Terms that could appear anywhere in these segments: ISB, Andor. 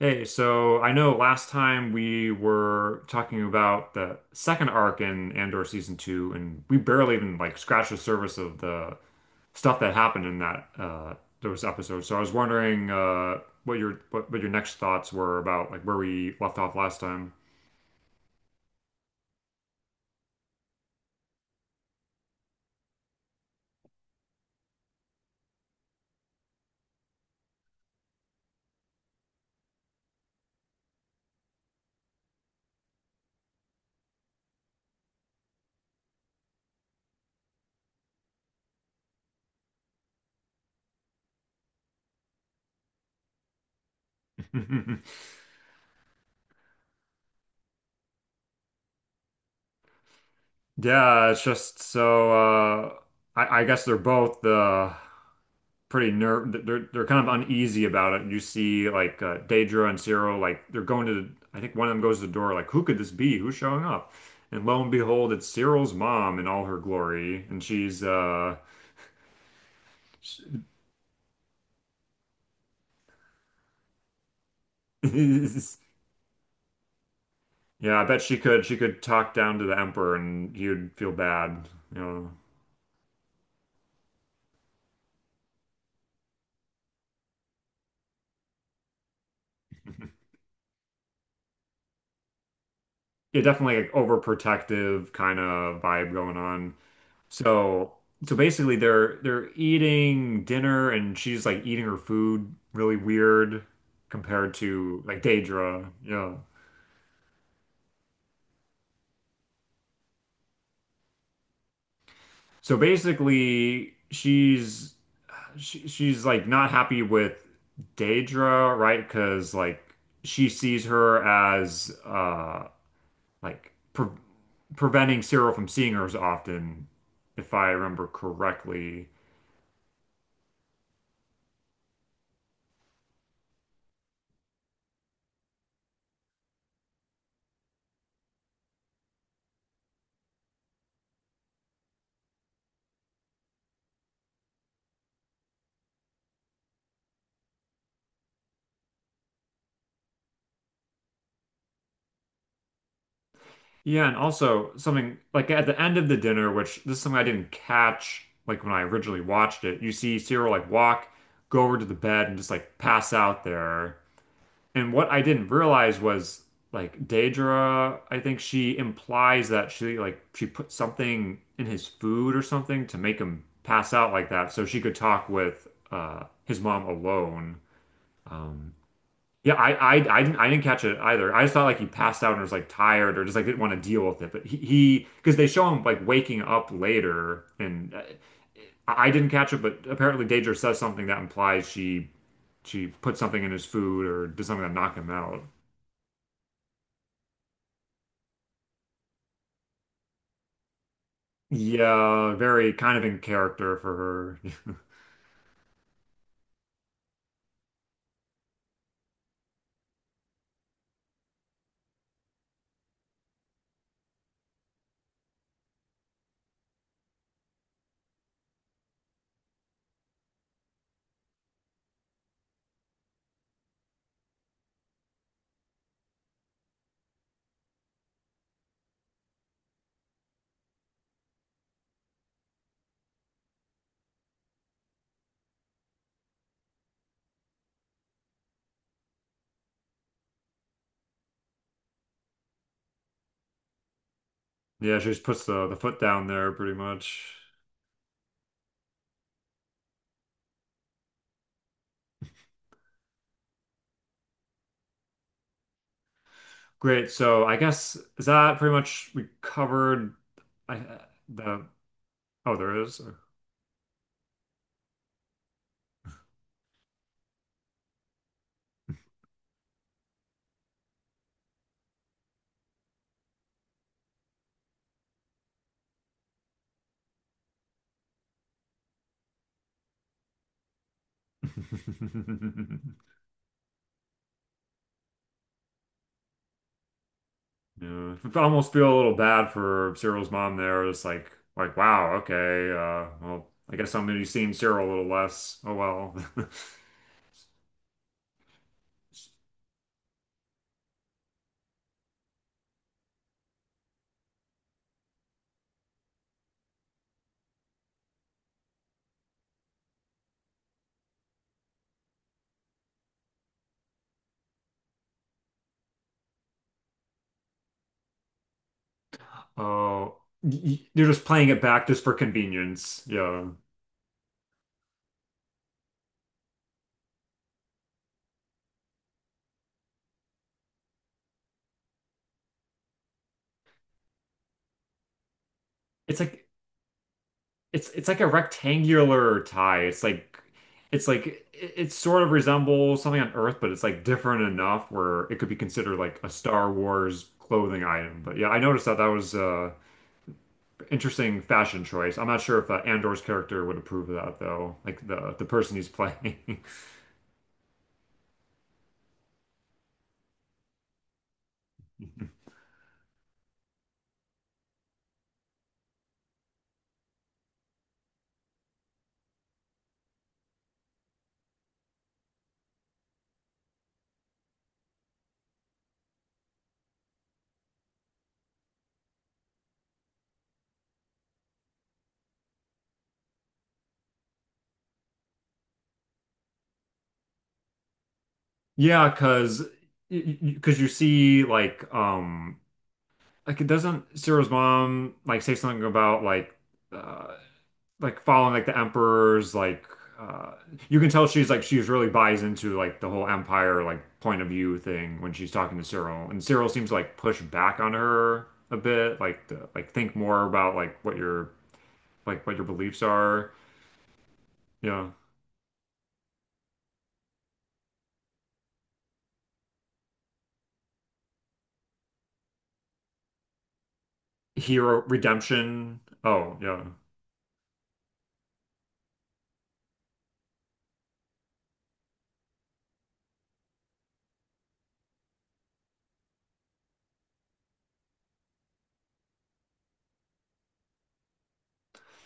Hey, so I know last time we were talking about the second arc in Andor season two, and we barely even like scratched the surface of the stuff that happened in that those episodes. So I was wondering what your next thoughts were about like where we left off last time. Yeah, it's just so I guess they're both the pretty nerve they're kind of uneasy about it. You see like Daedra and Cyril, like they're going to the, I think one of them goes to the door, like, who could this be? Who's showing up? And lo and behold, it's Cyril's mom in all her glory, and she's Yeah, I bet she could talk down to the emperor, and he would feel bad, you know. Yeah, definitely like overprotective kind of vibe going on. So so basically they're eating dinner, and she's like eating her food really weird compared to like Daedra. Yeah. So basically she's like not happy with Daedra, right? Because like she sees her as like preventing Cyril from seeing her as often, if I remember correctly. Yeah, and also something like at the end of the dinner, which this is something I didn't catch like when I originally watched it, you see Cyril like go over to the bed and just like pass out there. And what I didn't realize was like Daedra, I think she implies that she like she put something in his food or something to make him pass out like that, so she could talk with his mom alone. Um yeah, I didn't catch it either. I just thought like he passed out and was like tired or just like didn't want to deal with it. But because they show him like waking up later. And I didn't catch it. But apparently, Daedra says something that implies she put something in his food or did something to knock him out. Yeah, very kind of in character for her. Yeah, she just puts the foot down there pretty much. Great. So I guess is that pretty much we covered? I, the Oh, there is. Yeah, I almost feel a little bad for Cyril's mom there. It's like, wow, okay. Well, I guess I'm gonna be seeing Cyril a little less. Oh well. Oh, you're just playing it back just for convenience. Yeah, it's like it's like a rectangular tie. It sort of resembles something on Earth, but it's like different enough where it could be considered like a Star Wars clothing item. But yeah, I noticed that. That was interesting fashion choice. I'm not sure if Andor's character would approve of that though, like the person he's playing. Yeah, because you see like it doesn't Ciro's mom like say something about uh like following like the emperor's like, uh you can tell she's really buys into like the whole empire like point of view thing when she's talking to Cyril, and Cyril seems to like push back on her a bit, like to like think more about like what your beliefs are. Yeah. Hero Redemption. Oh, yeah.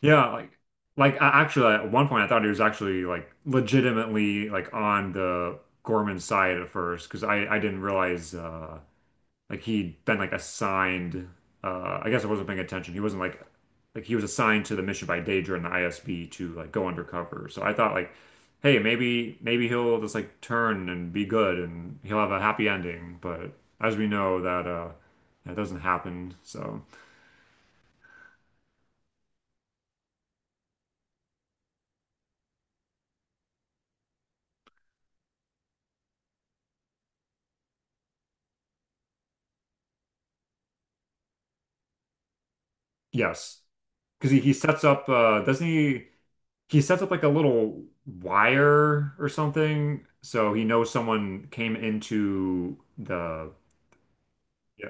Yeah, like I actually at one point I thought he was actually like legitimately like on the Gorman side at first, because I didn't realize like he'd been like assigned. I guess I wasn't paying attention. He wasn't like he was assigned to the mission by Daedra and the ISB to like go undercover. So I thought like, hey, maybe he'll just like turn and be good and he'll have a happy ending, but as we know, that doesn't happen. So yes, because he sets up, doesn't he sets up like a little wire or something, so he knows someone came into the, yeah.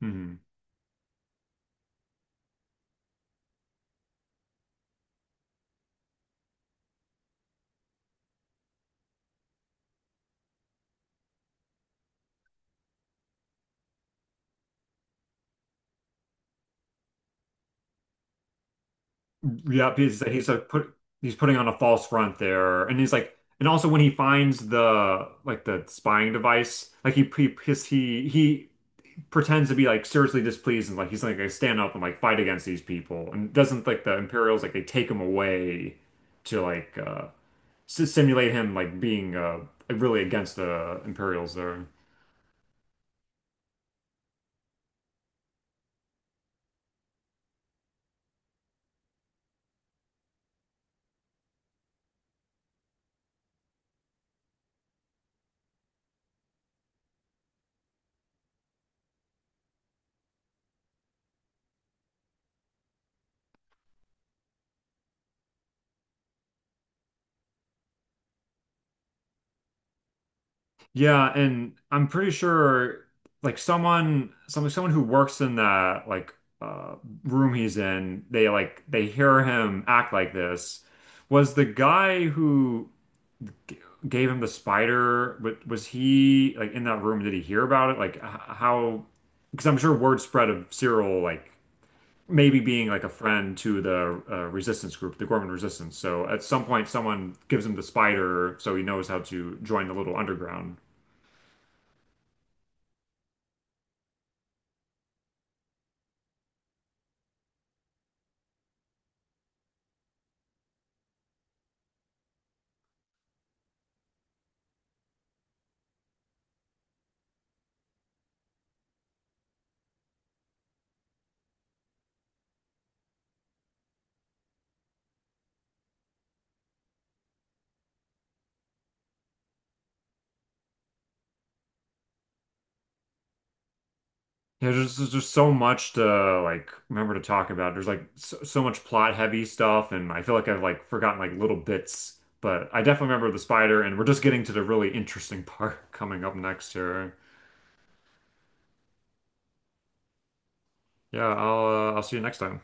Hmm. Yeah, he's putting on a false front there. And he's like, and also when he finds the like the spying device like he his, he pretends to be like seriously displeased and like he's like I stand up and like fight against these people, and doesn't like the Imperials like they take him away to like simulate him like being really against the Imperials there. Yeah, and I'm pretty sure like someone who works in that like uh room he's in, they like they hear him act like this. Was the guy who g- gave him the spider, was he like in that room? Did he hear about it? Like, how? Because I'm sure word spread of Cyril like maybe being like a friend to the resistance group, the Gorman Resistance. So at some point, someone gives him the spider, so he knows how to join the little underground. Yeah, there's just so much to like remember to talk about. There's like so, so much plot heavy stuff, and I feel like I've like forgotten like little bits. But I definitely remember the spider, and we're just getting to the really interesting part coming up next here. Yeah, I'll see you next time.